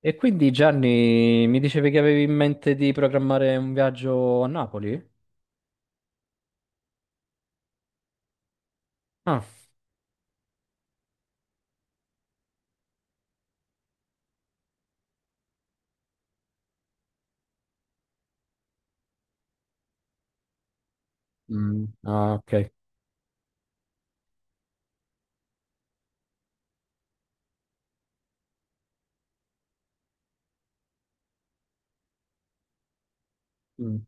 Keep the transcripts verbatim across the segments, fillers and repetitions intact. E quindi Gianni, mi dicevi che avevi in mente di programmare un viaggio a Napoli? Ah. Mm, ah, ok. Mm.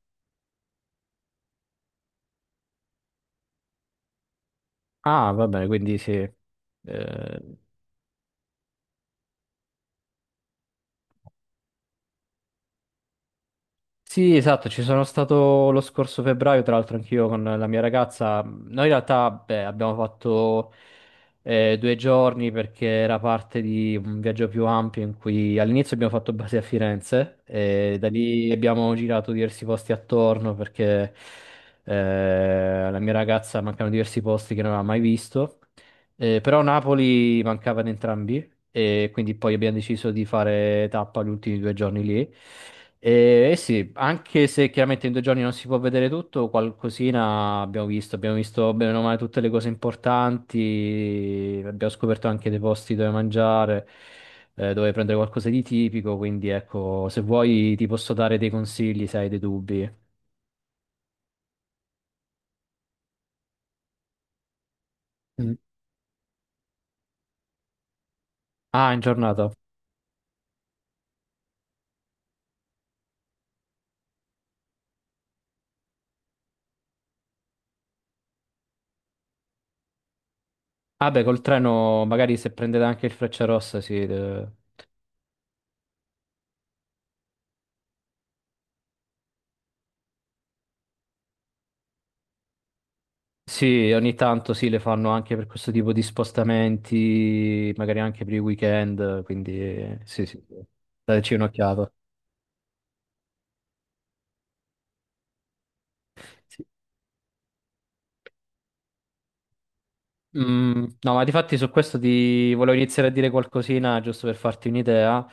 Ah, va bene, quindi sì. Eh, Sì, esatto, ci sono stato lo scorso febbraio, tra l'altro anch'io con la mia ragazza. Noi in realtà, beh, abbiamo fatto eh, due giorni, perché era parte di un viaggio più ampio in cui all'inizio abbiamo fatto base a Firenze e da lì abbiamo girato diversi posti attorno perché eh, alla mia ragazza mancavano diversi posti che non aveva mai visto. Eh, però Napoli mancava in entrambi e quindi poi abbiamo deciso di fare tappa gli ultimi due giorni lì. E, eh sì, anche se chiaramente in due giorni non si può vedere tutto, qualcosina abbiamo visto. Abbiamo visto bene o male tutte le cose importanti, abbiamo scoperto anche dei posti dove mangiare, eh, dove prendere qualcosa di tipico. Quindi ecco, se vuoi ti posso dare dei consigli, se hai dei dubbi. Mm. Ah, in giornata. Ah beh, col treno magari se prendete anche il Frecciarossa, sì. eh. Sì, ogni tanto sì, le fanno anche per questo tipo di spostamenti, magari anche per i weekend, quindi eh, sì, sì, sì, dateci un'occhiata. Sì. Mm, no, ma difatti su questo ti volevo iniziare a dire qualcosina, giusto per farti un'idea.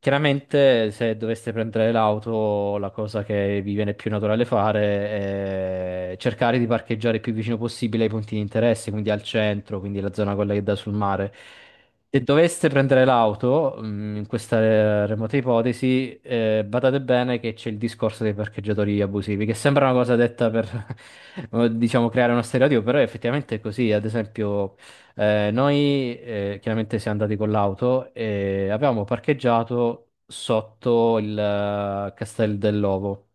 Chiaramente se doveste prendere l'auto, la cosa che vi viene più naturale fare è cercare di parcheggiare il più vicino possibile ai punti di interesse, quindi al centro, quindi la zona quella che dà sul mare. Se doveste prendere l'auto, mh, in questa eh, remota ipotesi, eh, badate bene che c'è il discorso dei parcheggiatori abusivi, che sembra una cosa detta per, eh, diciamo, creare uno stereotipo, però effettivamente è così. Ad esempio, eh, noi eh, chiaramente siamo andati con l'auto e avevamo parcheggiato sotto il eh, Castel dell'Ovo,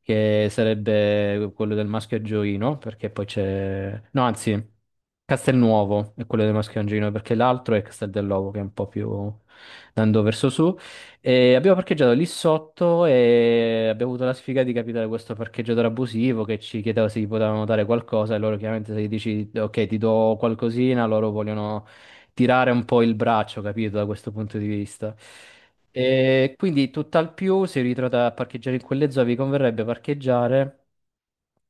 che sarebbe quello del maschio angioino, perché poi c'è... No, anzi, Castelnuovo è quello del maschio angioino, perché l'altro è Castel dell'Ovo, che è un po' più andando verso su. E abbiamo parcheggiato lì sotto e abbiamo avuto la sfiga di capitare questo parcheggiatore abusivo che ci chiedeva se gli potevano dare qualcosa e loro chiaramente se gli dici ok ti do qualcosina, loro vogliono tirare un po' il braccio, capito, da questo punto di vista. E quindi tutt'al più si ritrova a parcheggiare in quelle zone, vi converrebbe parcheggiare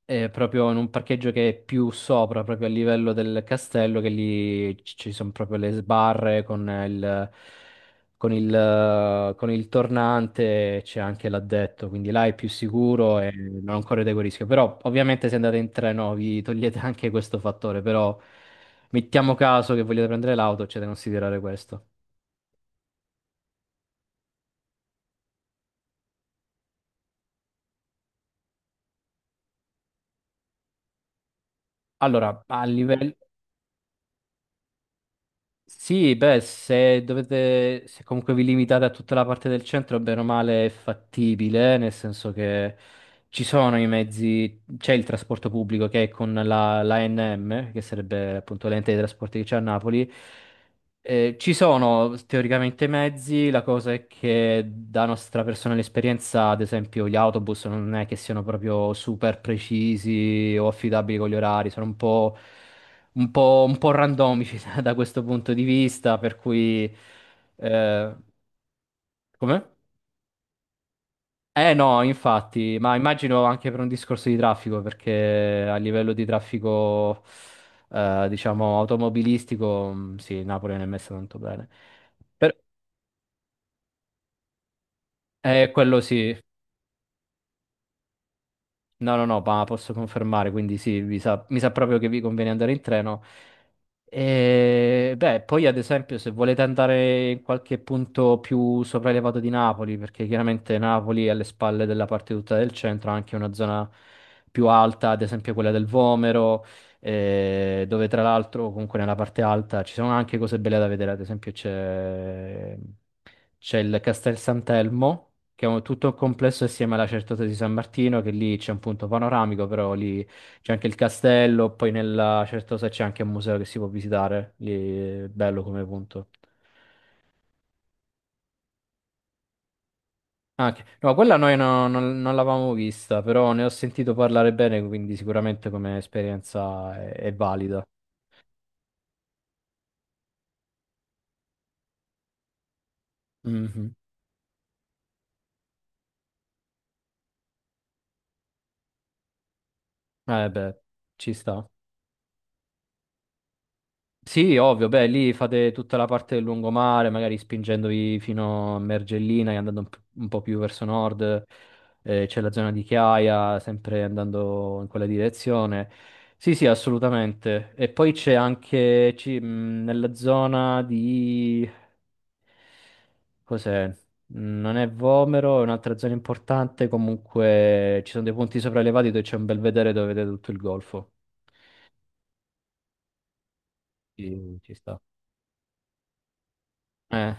eh, proprio in un parcheggio che è più sopra, proprio a livello del castello, che lì ci ci sono proprio le sbarre con il, con il, eh, con il tornante, c'è anche l'addetto, quindi là è più sicuro e non correte quel rischio. Però ovviamente se andate in treno vi togliete anche questo fattore, però mettiamo caso che vogliate prendere l'auto, c'è da considerare questo. Allora, a livello... Sì, beh, se dovete, se comunque vi limitate a tutta la parte del centro, bene o male è fattibile, nel senso che ci sono i mezzi, c'è il trasporto pubblico che è con la, l'A N M, che sarebbe appunto l'ente dei trasporti che c'è a Napoli. Eh, ci sono teoricamente i mezzi, la cosa è che da nostra personale esperienza, ad esempio, gli autobus non è che siano proprio super precisi o affidabili con gli orari, sono un po' un po', un po' randomici da da questo punto di vista, per cui... Eh, Come? Eh no, infatti, ma immagino anche per un discorso di traffico, perché a livello di traffico, eh, diciamo, automobilistico, mh, sì, Napoli non è messa tanto bene. Per- eh, Quello sì. No, no, no, ma posso confermare, quindi sì, vi sa- mi sa proprio che vi conviene andare in treno. E, beh, poi ad esempio se volete andare in qualche punto più sopraelevato di Napoli, perché chiaramente Napoli è alle spalle della parte tutta del centro, ha anche una zona più alta, ad esempio quella del Vomero, eh, dove tra l'altro comunque nella parte alta ci sono anche cose belle da vedere, ad esempio c'è c'è il Castel Sant'Elmo, che è un- tutto un complesso assieme alla Certosa di San Martino, che lì c'è un punto panoramico, però lì c'è anche il castello, poi nella Certosa c'è anche un museo che si può visitare, lì è bello come punto. Anche, no, quella noi no- non, non l'avevamo vista, però ne ho sentito parlare bene, quindi sicuramente come esperienza è, è valida. Mhm. Eh beh, ci sta. Sì, ovvio, beh, lì fate tutta la parte del lungomare, magari spingendovi fino a Mergellina e andando un, p- un po' più verso nord, eh, c'è la zona di Chiaia, sempre andando in quella direzione. Sì, sì, assolutamente. E poi c'è anche ci- mh, nella zona di... cos'è? Mm, non è Vomero, è un'altra zona importante, comunque ci sono dei punti sopraelevati dove c'è un bel vedere dove vedete tutto il golfo. Sì, ci sta. Eh,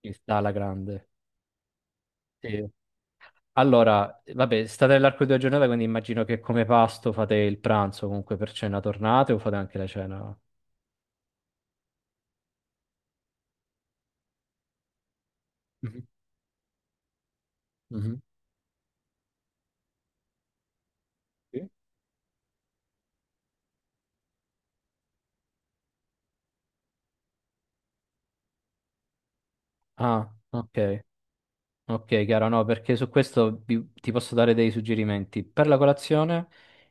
Ci sta alla grande. Sì. Allora, vabbè, state nell'arco di due giornate, quindi immagino che come pasto fate il pranzo comunque per cena tornate o fate anche la cena? Mhm, mhm, sì. Ah, ok. Ok, chiaro, no, perché su questo vi- ti posso dare dei suggerimenti. Per la colazione,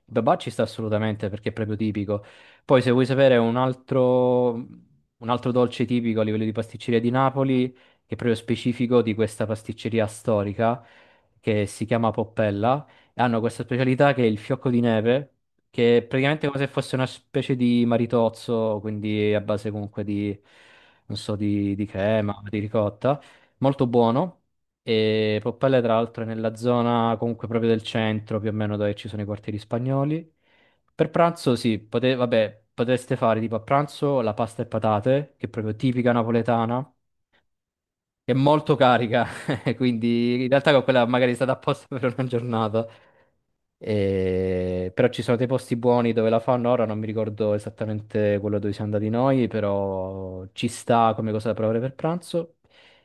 il babà ci sta assolutamente perché è proprio tipico. Poi, se vuoi sapere un altro, un altro dolce tipico a livello di pasticceria di Napoli, che è proprio specifico di questa pasticceria storica, che si chiama Poppella, e hanno questa specialità che è il fiocco di neve, che è praticamente come se fosse una specie di maritozzo, quindi a base comunque di, non so, di di crema, di ricotta, molto buono. E Poppelle, tra l'altro, è nella zona comunque proprio del centro, più o meno dove ci sono i quartieri spagnoli. Per pranzo, sì, pote- vabbè, potreste fare tipo a pranzo la pasta e patate, che è proprio tipica napoletana, è molto carica, quindi in realtà con quella magari è stata apposta per una giornata. E- Però ci sono dei posti buoni dove la fanno, ora non mi ricordo esattamente quello dove siamo andati noi, però ci sta come cosa da provare per pranzo.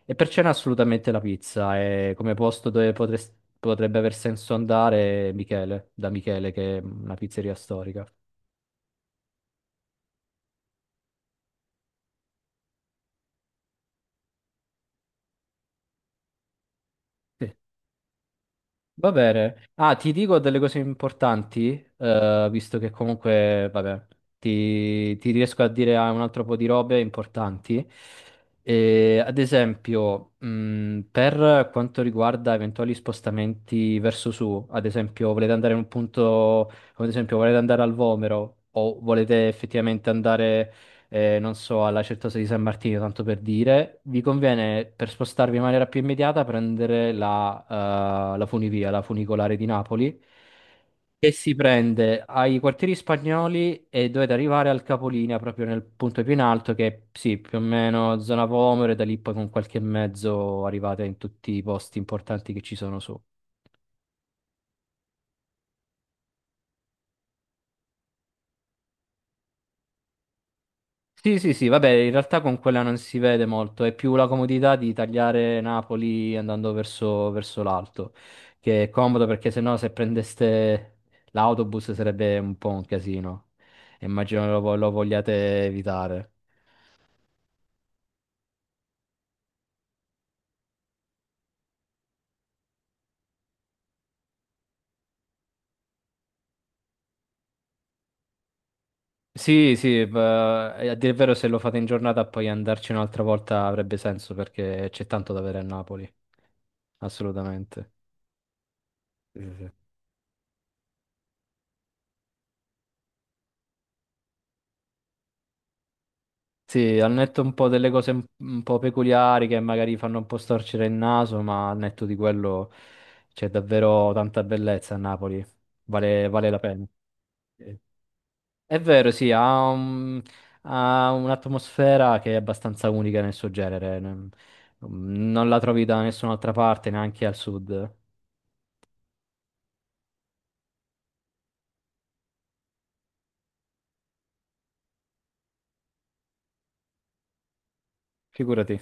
E per cena assolutamente la pizza, è come posto dove potres- potrebbe aver senso andare Michele, da Michele, che è una pizzeria storica. Va bene. Ah, ti dico delle cose importanti, eh, visto che comunque, vabbè, ti, ti riesco a dire ah, un altro po' di robe importanti. Eh, ad esempio, mh, per quanto riguarda eventuali spostamenti verso su, ad esempio, volete andare in un punto, come ad esempio, volete andare al Vomero o volete effettivamente andare eh, non so, alla Certosa di San Martino, tanto per dire, vi conviene per spostarvi in maniera più immediata prendere la, eh, la funivia, la funicolare di Napoli, che si prende ai quartieri spagnoli e dovete arrivare al capolinea, proprio nel punto più in alto, che è, sì, più o meno zona Vomero, e da lì poi con qualche mezzo arrivate in tutti i posti importanti che ci sono su. Sì, sì, sì, vabbè, in realtà con quella non si vede molto, è più la comodità di tagliare Napoli andando verso, verso l'alto, che è comodo perché sennò se prendeste l'autobus sarebbe un po' un casino. Immagino lo, vo- lo vogliate evitare. Sì, sì, beh, e a dire il vero, se lo fate in giornata poi andarci un'altra volta avrebbe senso perché c'è tanto da vedere a Napoli, assolutamente. Sì, sì, sì. Sì, al netto un po' delle cose un un po' peculiari che magari fanno un po' storcere il naso, ma al netto di quello c'è davvero tanta bellezza a Napoli, vale, vale la pena. Sì. È vero, sì, ha un- ha un'atmosfera che è abbastanza unica nel suo genere, non non la trovi da nessun'altra parte, neanche al sud, figurati.